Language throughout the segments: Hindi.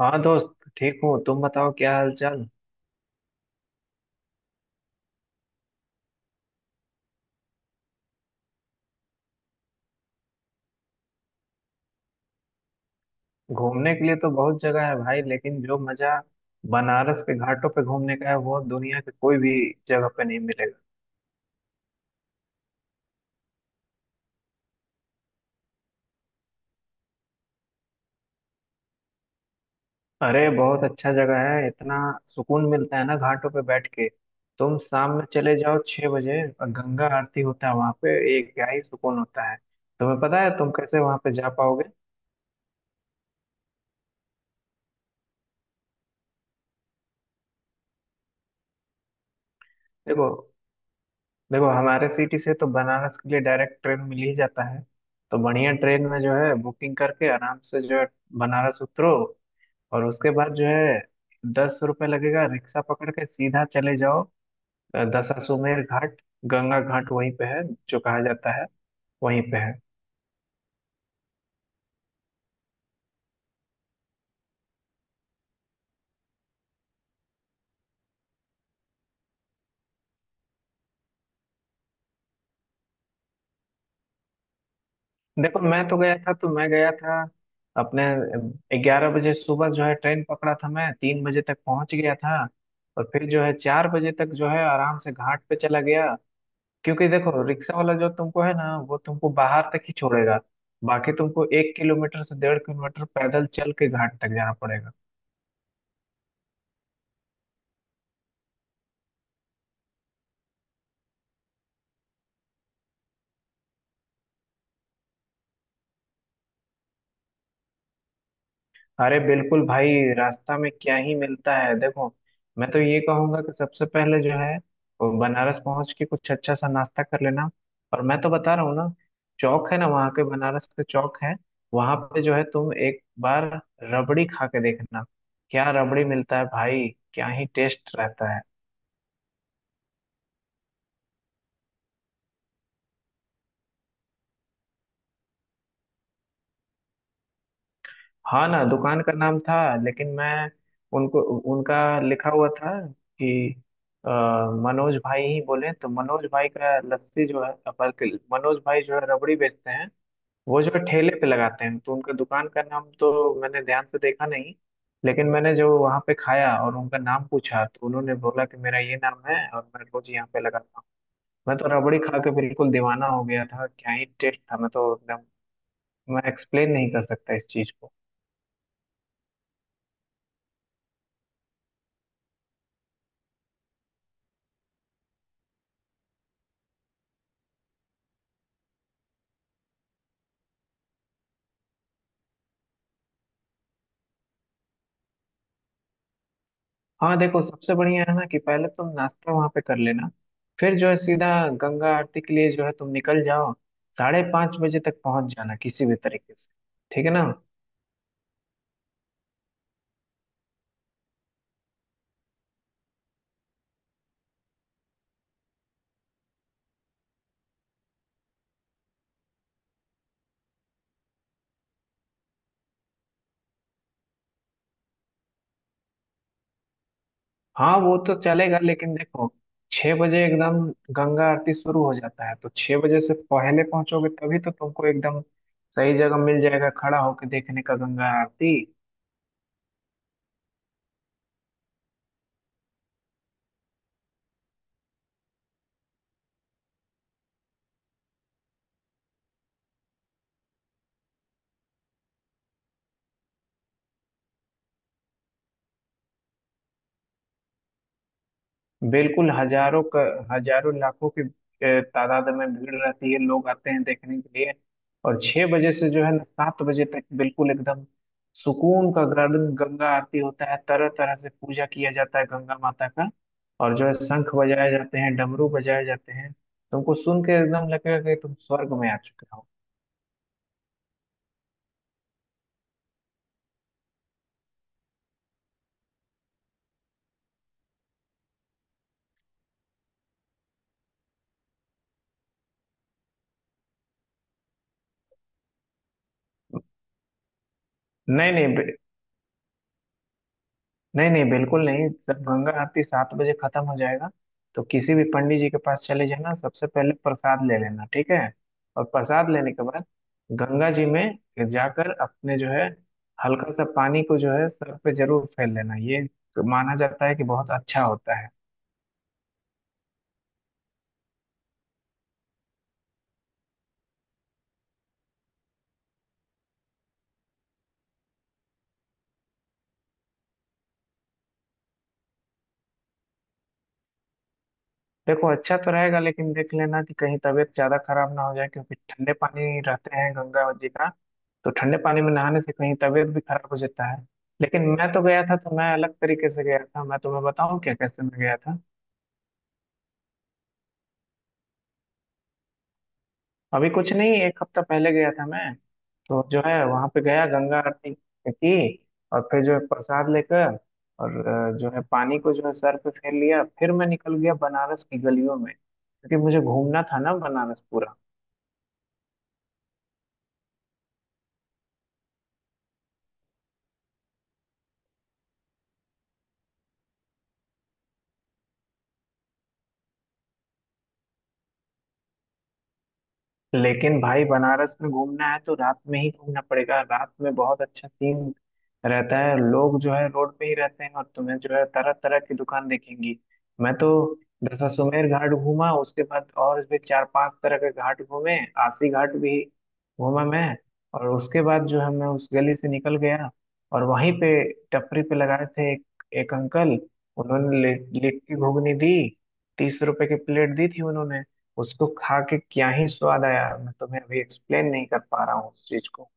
हाँ दोस्त ठीक हूँ। तुम बताओ क्या हाल चाल। घूमने के लिए तो बहुत जगह है भाई, लेकिन जो मजा बनारस के घाटों पे घूमने का है वो दुनिया के कोई भी जगह पे नहीं मिलेगा। अरे बहुत अच्छा जगह है, इतना सुकून मिलता है ना घाटों पे बैठ के। तुम शाम में चले जाओ 6 बजे और गंगा आरती होता है वहां पे। एक क्या ही सुकून होता है। तुम्हें पता है तुम कैसे वहां पे जा पाओगे? देखो देखो हमारे सिटी से तो बनारस के लिए डायरेक्ट ट्रेन मिल ही जाता है। तो बढ़िया ट्रेन में जो है बुकिंग करके आराम से जो है बनारस उतरो। और उसके बाद जो है 10 रुपये लगेगा, रिक्शा पकड़ के सीधा चले जाओ दशाश्वमेध घाट। गंगा घाट वहीं पे है, जो कहा जाता है वहीं पे है। देखो मैं गया था अपने। 11 बजे सुबह जो है ट्रेन पकड़ा था, मैं 3 बजे तक पहुंच गया था। और फिर जो है 4 बजे तक जो है आराम से घाट पे चला गया। क्योंकि देखो रिक्शा वाला जो तुमको है ना वो तुमको बाहर तक ही छोड़ेगा। बाकी तुमको 1 किलोमीटर से 1.5 किलोमीटर पैदल चल के घाट तक जाना पड़ेगा। अरे बिल्कुल भाई। रास्ता में क्या ही मिलता है देखो। मैं तो ये कहूंगा कि सबसे पहले जो है वो बनारस पहुंच के कुछ अच्छा सा नाश्ता कर लेना। और मैं तो बता रहा हूँ ना, चौक है ना वहाँ के बनारस के चौक है। वहां पे जो है तुम एक बार रबड़ी खा के देखना। क्या रबड़ी मिलता है भाई। क्या ही टेस्ट रहता है। हाँ ना, दुकान का नाम था, लेकिन मैं उनको उनका लिखा हुआ था कि अ, मनोज भाई ही बोले तो। मनोज भाई का लस्सी जो है, बल्कि मनोज भाई जो है रबड़ी बेचते हैं। वो जो है ठेले पे लगाते हैं, तो उनका दुकान का नाम तो मैंने ध्यान से देखा नहीं। लेकिन मैंने जो वहाँ पे खाया और उनका नाम पूछा तो उन्होंने बोला कि मेरा ये नाम है और मैं रोज यहाँ पे लगाता हूँ। मैं तो रबड़ी खा के बिल्कुल दीवाना हो गया था। क्या ही टेस्ट था। मैं तो एकदम मैं एक्सप्लेन नहीं कर सकता इस चीज को। हाँ देखो, सबसे बढ़िया है ना कि पहले तुम नाश्ता वहां पे कर लेना। फिर जो है सीधा गंगा आरती के लिए जो है तुम निकल जाओ। 5:30 बजे तक पहुंच जाना किसी भी तरीके से। ठीक है ना। हाँ वो तो चलेगा, लेकिन देखो 6 बजे एकदम गंगा आरती शुरू हो जाता है, तो 6 बजे से पहले पहुंचोगे तभी तो तुमको एकदम सही जगह मिल जाएगा खड़ा होकर देखने का गंगा आरती। बिल्कुल। हजारों लाखों की तादाद में भीड़ रहती है, लोग आते हैं देखने के लिए। और 6 बजे से जो है ना 7 बजे तक बिल्कुल एकदम सुकून का गार्डन गंगा आरती होता है। तरह तरह से पूजा किया जाता है गंगा माता का। और जो है शंख बजाए जाते हैं, डमरू बजाए जाते हैं। तुमको सुन के एकदम लगेगा कि तुम स्वर्ग में आ चुके हो। नहीं नहीं। नहीं नहीं, बिल्कुल नहीं। जब गंगा आरती 7 बजे खत्म हो जाएगा तो किसी भी पंडित जी के पास चले जाना, सबसे पहले प्रसाद ले लेना। ठीक है। और प्रसाद लेने के बाद गंगा जी में जाकर अपने जो है हल्का सा पानी को जो है सर पे जरूर फेर लेना। ये माना जाता है कि बहुत अच्छा होता है। देखो, अच्छा तो रहेगा लेकिन देख लेना कि कहीं तबीयत ज्यादा खराब ना हो जाए, क्योंकि ठंडे पानी रहते हैं गंगा जी का। तो ठंडे पानी में नहाने से कहीं तबीयत भी खराब हो जाता है। लेकिन मैं तो गया था तो मैं अलग तरीके से गया था। मैं तुम्हें बताऊं क्या कैसे मैं गया था? अभी कुछ नहीं, एक हफ्ता पहले गया था मैं। तो जो है वहां पे गया गंगा आरती की। और फिर जो है प्रसाद लेकर और जो है पानी को जो है सर पे फेर लिया, फिर मैं निकल गया बनारस की गलियों में क्योंकि मुझे घूमना था ना बनारस पूरा। लेकिन भाई बनारस में घूमना है तो रात में ही घूमना पड़ेगा। रात में बहुत अच्छा सीन रहता है, लोग जो है रोड पे ही रहते हैं और तुम्हें जो है तरह तरह की दुकान दिखेंगी। मैं तो दशाश्वमेध घाट घूमा, उसके बाद और भी चार पांच तरह के घाट घूमे। आसी घाट भी घूमा मैं। और उसके बाद जो है मैं उस गली से निकल गया। और वहीं पे टपरी पे लगाए थे एक अंकल। उन्होंने लिट्टी घुगनी दी। 30 रुपए की प्लेट दी थी उन्होंने। उसको खा के क्या ही स्वाद आया। मैं तुम्हें अभी एक्सप्लेन नहीं कर पा रहा हूँ उस चीज को।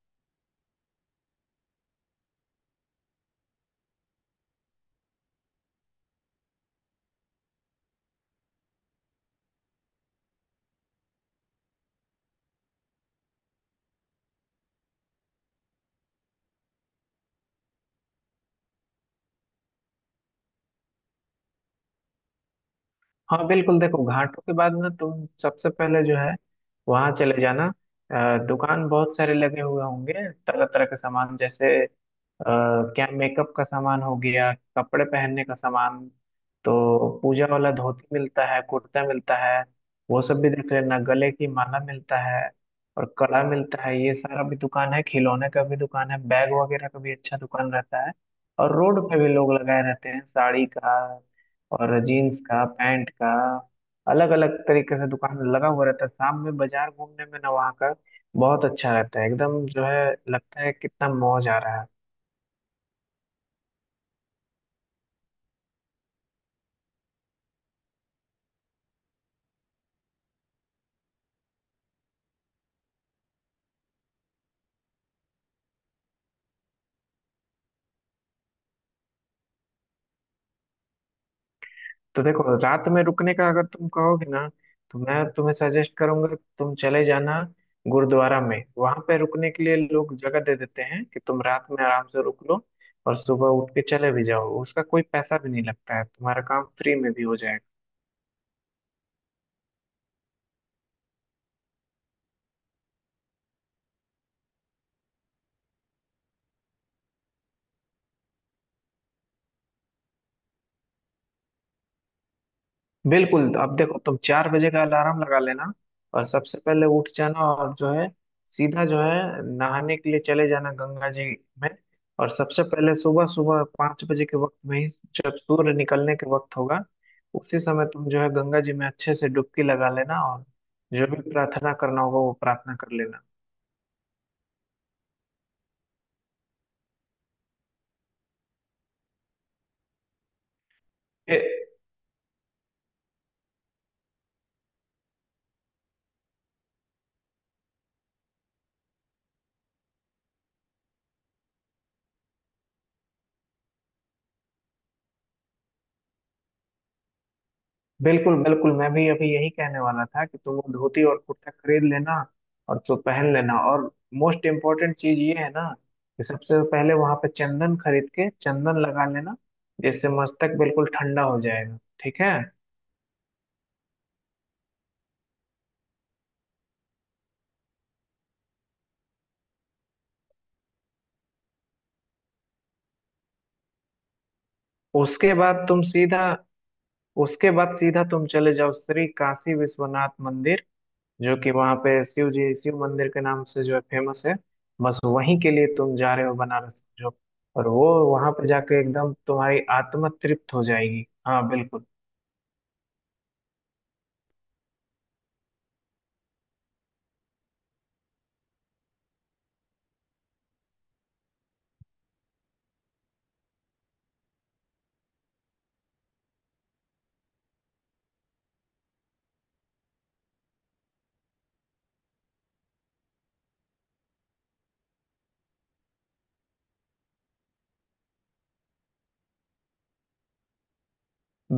हाँ बिल्कुल। देखो घाटों के बाद ना तुम सबसे पहले जो है वहां चले जाना। दुकान बहुत सारे लगे हुए होंगे, तरह तरह के सामान, जैसे क्या मेकअप का सामान हो गया, कपड़े पहनने का सामान। तो पूजा वाला धोती मिलता है, कुर्ता मिलता है। वो सब भी देख लेना। गले की माला मिलता है और कड़ा मिलता है, ये सारा भी दुकान है। खिलौने का भी दुकान है, बैग वगैरह का भी अच्छा दुकान रहता है। और रोड पे भी लोग लगाए रहते हैं साड़ी का और जीन्स का पैंट का, अलग अलग तरीके से दुकान लगा हुआ रहता है। शाम में बाजार घूमने में ना वहाँ का बहुत अच्छा रहता है, एकदम जो है लगता है कितना मौज आ रहा है। तो देखो, रात में रुकने का अगर तुम कहोगे ना तो मैं तुम्हें सजेस्ट करूंगा कि तुम चले जाना गुरुद्वारा में। वहां पे रुकने के लिए लोग जगह दे देते हैं कि तुम रात में आराम से रुक लो, और सुबह उठ के चले भी जाओ। उसका कोई पैसा भी नहीं लगता है, तुम्हारा काम फ्री में भी हो जाएगा। बिल्कुल। तो अब देखो तुम 4 बजे का अलार्म लगा लेना और सबसे पहले उठ जाना। और जो है सीधा जो है नहाने के लिए चले जाना गंगा जी में। और सबसे पहले सुबह सुबह 5 बजे के वक्त में ही, जब सूर्य निकलने के वक्त होगा, उसी समय तुम जो है गंगा जी में अच्छे से डुबकी लगा लेना और जो भी प्रार्थना करना होगा वो प्रार्थना कर लेना। बिल्कुल बिल्कुल। मैं भी अभी यही कहने वाला था कि तुम वो धोती और कुर्ता खरीद लेना और तो पहन लेना। और मोस्ट इम्पोर्टेंट चीज ये है ना, कि सबसे पहले वहां पे चंदन खरीद के चंदन लगा लेना, जिससे मस्तक बिल्कुल ठंडा हो जाएगा। ठीक है। उसके बाद तुम सीधा उसके बाद सीधा तुम चले जाओ श्री काशी विश्वनाथ मंदिर, जो कि वहाँ पे शिव जी, शिव मंदिर के नाम से जो है फेमस है। बस वहीं के लिए तुम जा रहे हो बनारस जो। और वो वहाँ पे जाके एकदम तुम्हारी आत्मा तृप्त हो जाएगी। हाँ बिल्कुल।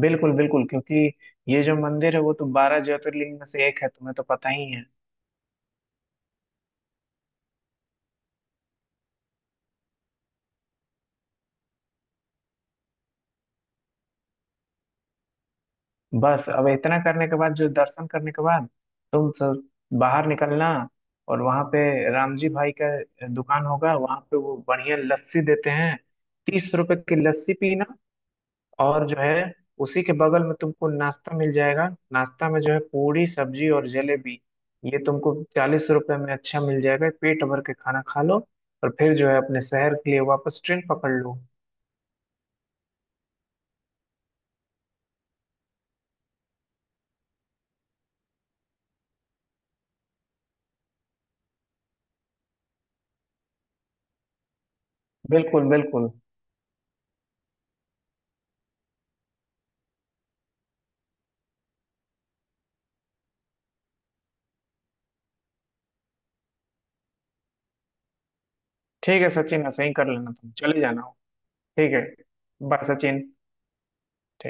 बिल्कुल बिल्कुल, क्योंकि ये जो मंदिर है वो तो 12 ज्योतिर्लिंग में से एक है, तुम्हें तो पता ही है। बस अब इतना करने के बाद, जो दर्शन करने के बाद तुम सब बाहर निकलना। और वहाँ पे राम जी भाई का दुकान होगा वहाँ पे, वो बढ़िया लस्सी देते हैं। 30 रुपए की लस्सी पीना। और जो है उसी के बगल में तुमको नाश्ता मिल जाएगा। नाश्ता में जो है पूरी सब्जी और जलेबी, ये तुमको 40 रुपए में अच्छा मिल जाएगा, पेट भर के खाना खा लो। और फिर जो है अपने शहर के लिए वापस ट्रेन पकड़ लो। बिल्कुल बिल्कुल। ठीक है सचिन, ऐसे ही कर लेना, तुम चले जाना। ठीक है। बाय सचिन।